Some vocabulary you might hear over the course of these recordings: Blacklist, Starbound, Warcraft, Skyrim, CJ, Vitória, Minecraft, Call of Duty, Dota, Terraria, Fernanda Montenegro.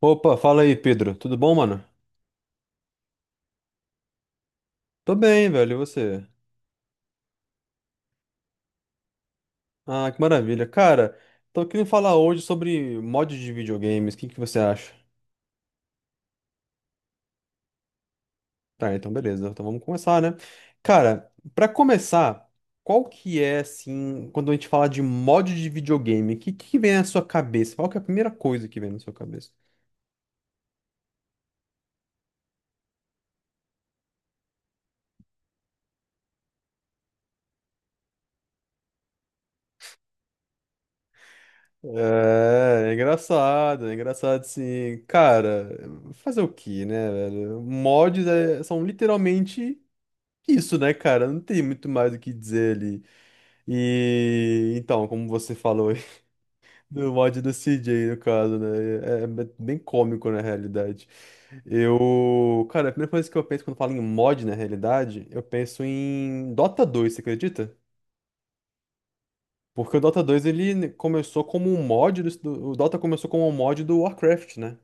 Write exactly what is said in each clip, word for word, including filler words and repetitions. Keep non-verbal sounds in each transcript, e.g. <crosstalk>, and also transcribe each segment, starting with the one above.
Opa, fala aí, Pedro. Tudo bom, mano? Tô bem, velho. E você? Ah, que maravilha. Cara, tô querendo falar hoje sobre mods de videogames. O que que você acha? Tá, então beleza. Então vamos começar, né? Cara, pra começar, qual que é, assim, quando a gente fala de mod de videogame, o que que vem na sua cabeça? Qual que é a primeira coisa que vem na sua cabeça? É, é engraçado, é engraçado sim. Cara, fazer o quê, né, velho? Mods é- são literalmente isso, né, cara? Não tem muito mais o que dizer ali. E então, como você falou aí, <laughs> do mod do C J, no caso, né? É é bem cômico na realidade. Eu, cara, a primeira coisa que eu penso quando falo em mod na realidade, eu penso em Dota dois, você acredita? Porque o Dota dois, ele começou como um mod do, do- o Dota começou como um mod do Warcraft, né?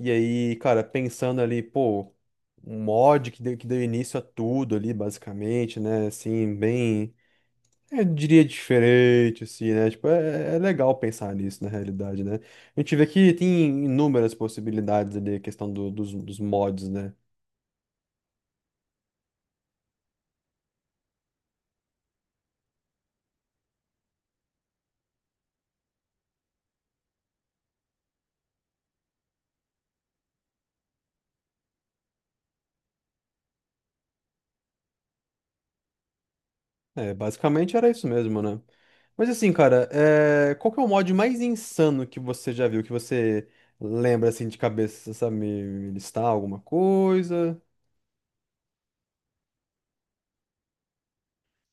E aí, cara, pensando ali, pô, um mod que deu, que deu início a tudo ali, basicamente, né? Assim, bem. É, eu diria diferente, assim, né? Tipo, é, é legal pensar nisso, na realidade, né? A gente vê que tem inúmeras possibilidades ali, a questão do- dos, dos mods, né? É, basicamente era isso mesmo, né? Mas assim, cara, é, qual que é o mod mais insano que você já viu, que você lembra, assim, de cabeça? Você sabe me me listar alguma coisa?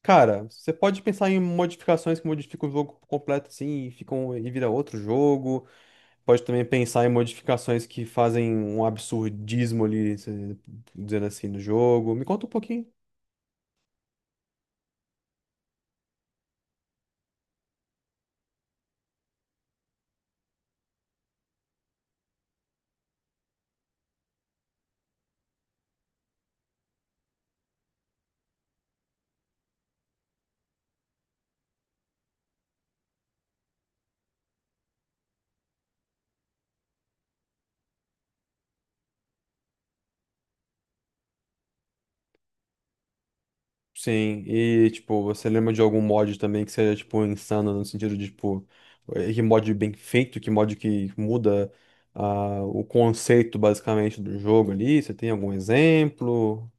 Cara, você pode pensar em modificações que modificam o jogo por completo, assim, e ficam, e vira outro jogo. Pode também pensar em modificações que fazem um absurdismo ali, se- dizendo assim, no jogo. Me conta um pouquinho. Sim, e tipo, você lembra de algum mod também que seja, tipo, insano no sentido de, tipo, eh, que mod bem feito, que mod que muda, ah, o conceito basicamente do jogo ali? Você tem algum exemplo?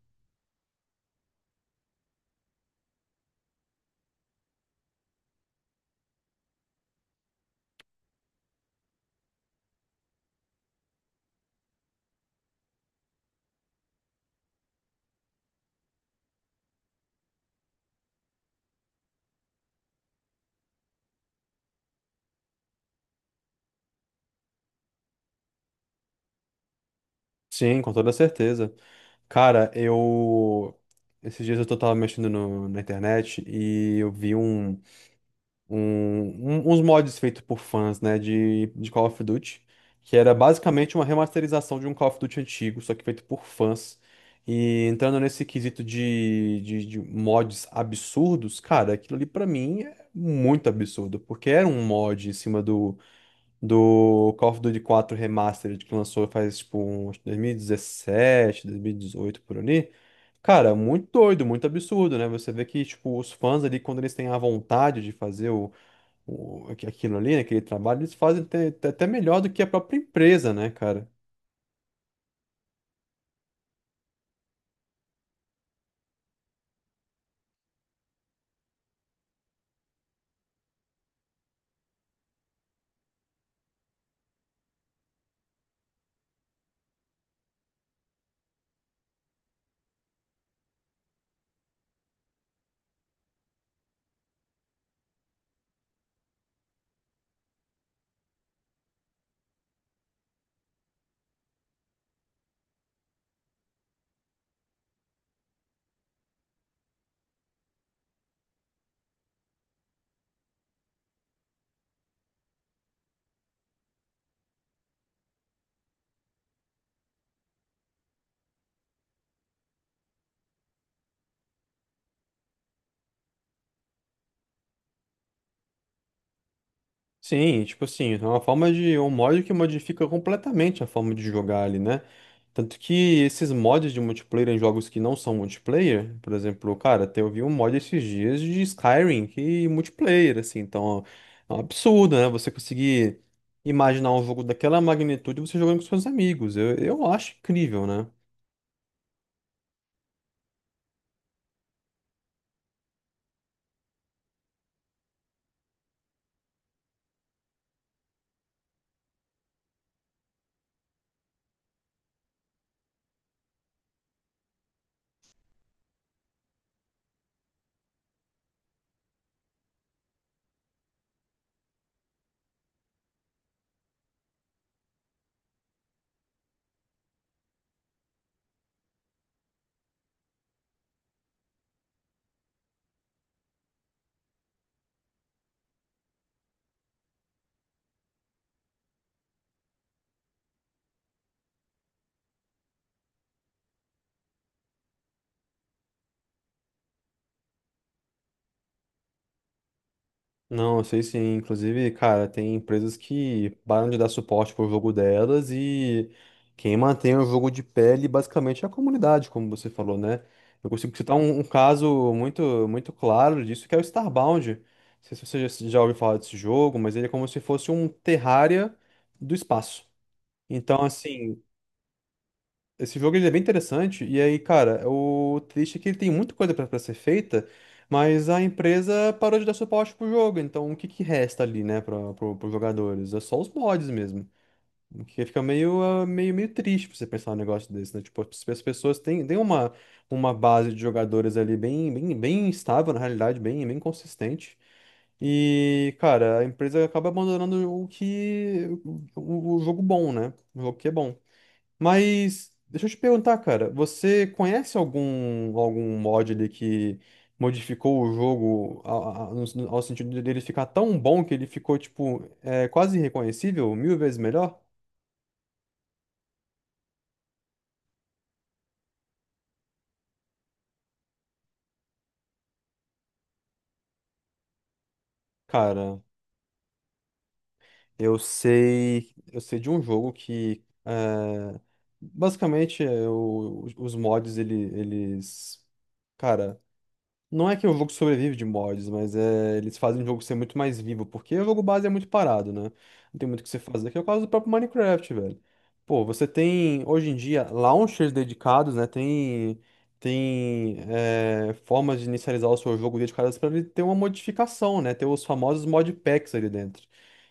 Sim, com toda certeza. Cara, eu. Esses dias eu tô- tava mexendo no- na internet e eu vi um. um- um- uns mods feitos por fãs, né, de, de Call of Duty, que era basicamente uma remasterização de um Call of Duty antigo, só que feito por fãs. E entrando nesse quesito de, de, de mods absurdos, cara, aquilo ali pra mim é muito absurdo, porque era um mod em cima do, do Call of Duty quatro Remastered que lançou faz tipo um, acho que dois mil e dezessete, dois mil e dezoito por ali. Cara, muito doido, muito absurdo, né? Você vê que, tipo, os fãs ali, quando eles têm a vontade de fazer o, o- aqu- aquilo ali, né, aquele trabalho, eles fazem até, até até melhor do que a própria empresa, né, cara? Sim, tipo assim, é uma forma de um mod que modifica completamente a forma de jogar ali, né? Tanto que esses mods de multiplayer em jogos que não são multiplayer, por exemplo, cara, até eu vi um mod esses dias de Skyrim que multiplayer, assim, então é um absurdo, né? Você conseguir imaginar um jogo daquela magnitude você jogando com seus amigos. Eu, eu acho incrível, né? Não, eu sei sim. Inclusive, cara, tem empresas que param de dar suporte pro jogo delas e quem mantém o jogo de pé ali basicamente é a comunidade, como você falou, né? Eu consigo citar um, um caso muito, muito claro disso, que é o Starbound. Não sei se você já já ouviu falar desse jogo, mas ele é como se fosse um Terraria do espaço. Então, assim, esse jogo ele é bem interessante, e aí, cara, o triste é que ele tem muita coisa pra pra ser feita, mas a empresa parou de dar suporte pro jogo, então o que que resta ali, né, pra, pro, pros jogadores? É só os mods mesmo. O que fica meio, ah, meio, meio triste pra você pensar um negócio desse, né? Tipo, as as pessoas têm, têm uma, uma base de jogadores ali bem, bem, bem estável, na realidade, bem, bem consistente. E, cara, a empresa acaba abandonando o que, o, o jogo bom, né? O jogo que é bom. Mas deixa eu te perguntar, cara, você conhece algum algum mod ali que modificou o jogo a- a- no sen- ao sentido dele ficar tão bom que ele ficou tipo, é, quase irreconhecível, mil vezes melhor? Cara, eu sei eu sei de um jogo que é, basicamente é, o- os mods ele, eles, cara, não é que o jogo sobrevive de mods, mas é, eles fazem o jogo ser muito mais vivo, porque o jogo base é muito parado, né? Não tem muito o que você fazer, que é o caso do próprio Minecraft, velho. Pô, você tem, hoje em dia, launchers dedicados, né? Tem, tem é, formas de inicializar o seu jogo dedicadas para ele ter uma modificação, né? Ter os famosos modpacks ali dentro.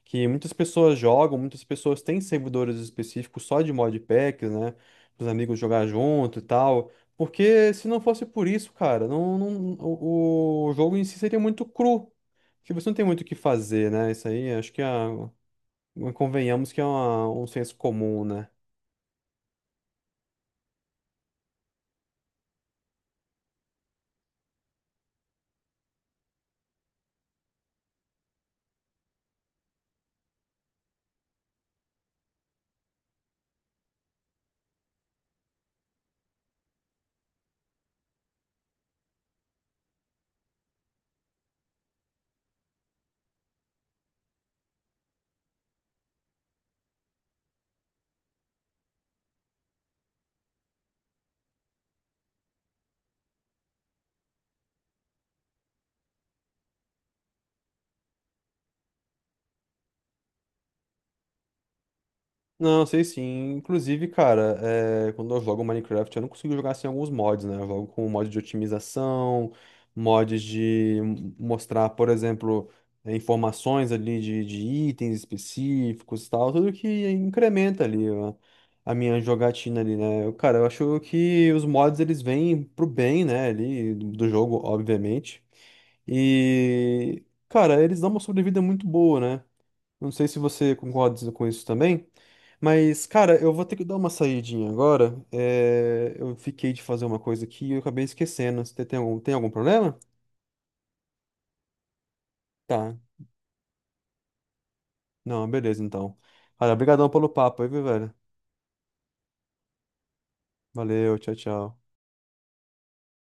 Que muitas pessoas jogam, muitas pessoas têm servidores específicos só de modpacks, né? Para os amigos jogar junto e tal. Porque se não fosse por isso, cara, não, não- o, o jogo em si seria muito cru. Porque você não tem muito o que fazer, né? Isso aí, acho que é, convenhamos que é uma- um senso comum, né? Não, sei sim. Inclusive, cara, é, quando eu jogo Minecraft, eu não consigo jogar sem alguns mods, né? Eu jogo com mod de otimização, mods de m- mostrar, por exemplo, é, informações ali de, de itens específicos e tal, tudo que incrementa ali a, a minha jogatina ali, né? Eu, cara, eu acho que os mods eles vêm pro bem, né, ali do do jogo, obviamente. E, cara, eles dão uma sobrevida muito boa, né? Não sei se você concorda com isso também, mas, cara, eu vou ter que dar uma saidinha agora. É, eu fiquei de fazer uma coisa aqui e eu acabei esquecendo. Você tem algum, tem algum problema? Tá. Não, beleza, então. Cara, obrigadão pelo papo aí, viu, velho? Valeu, tchau, tchau.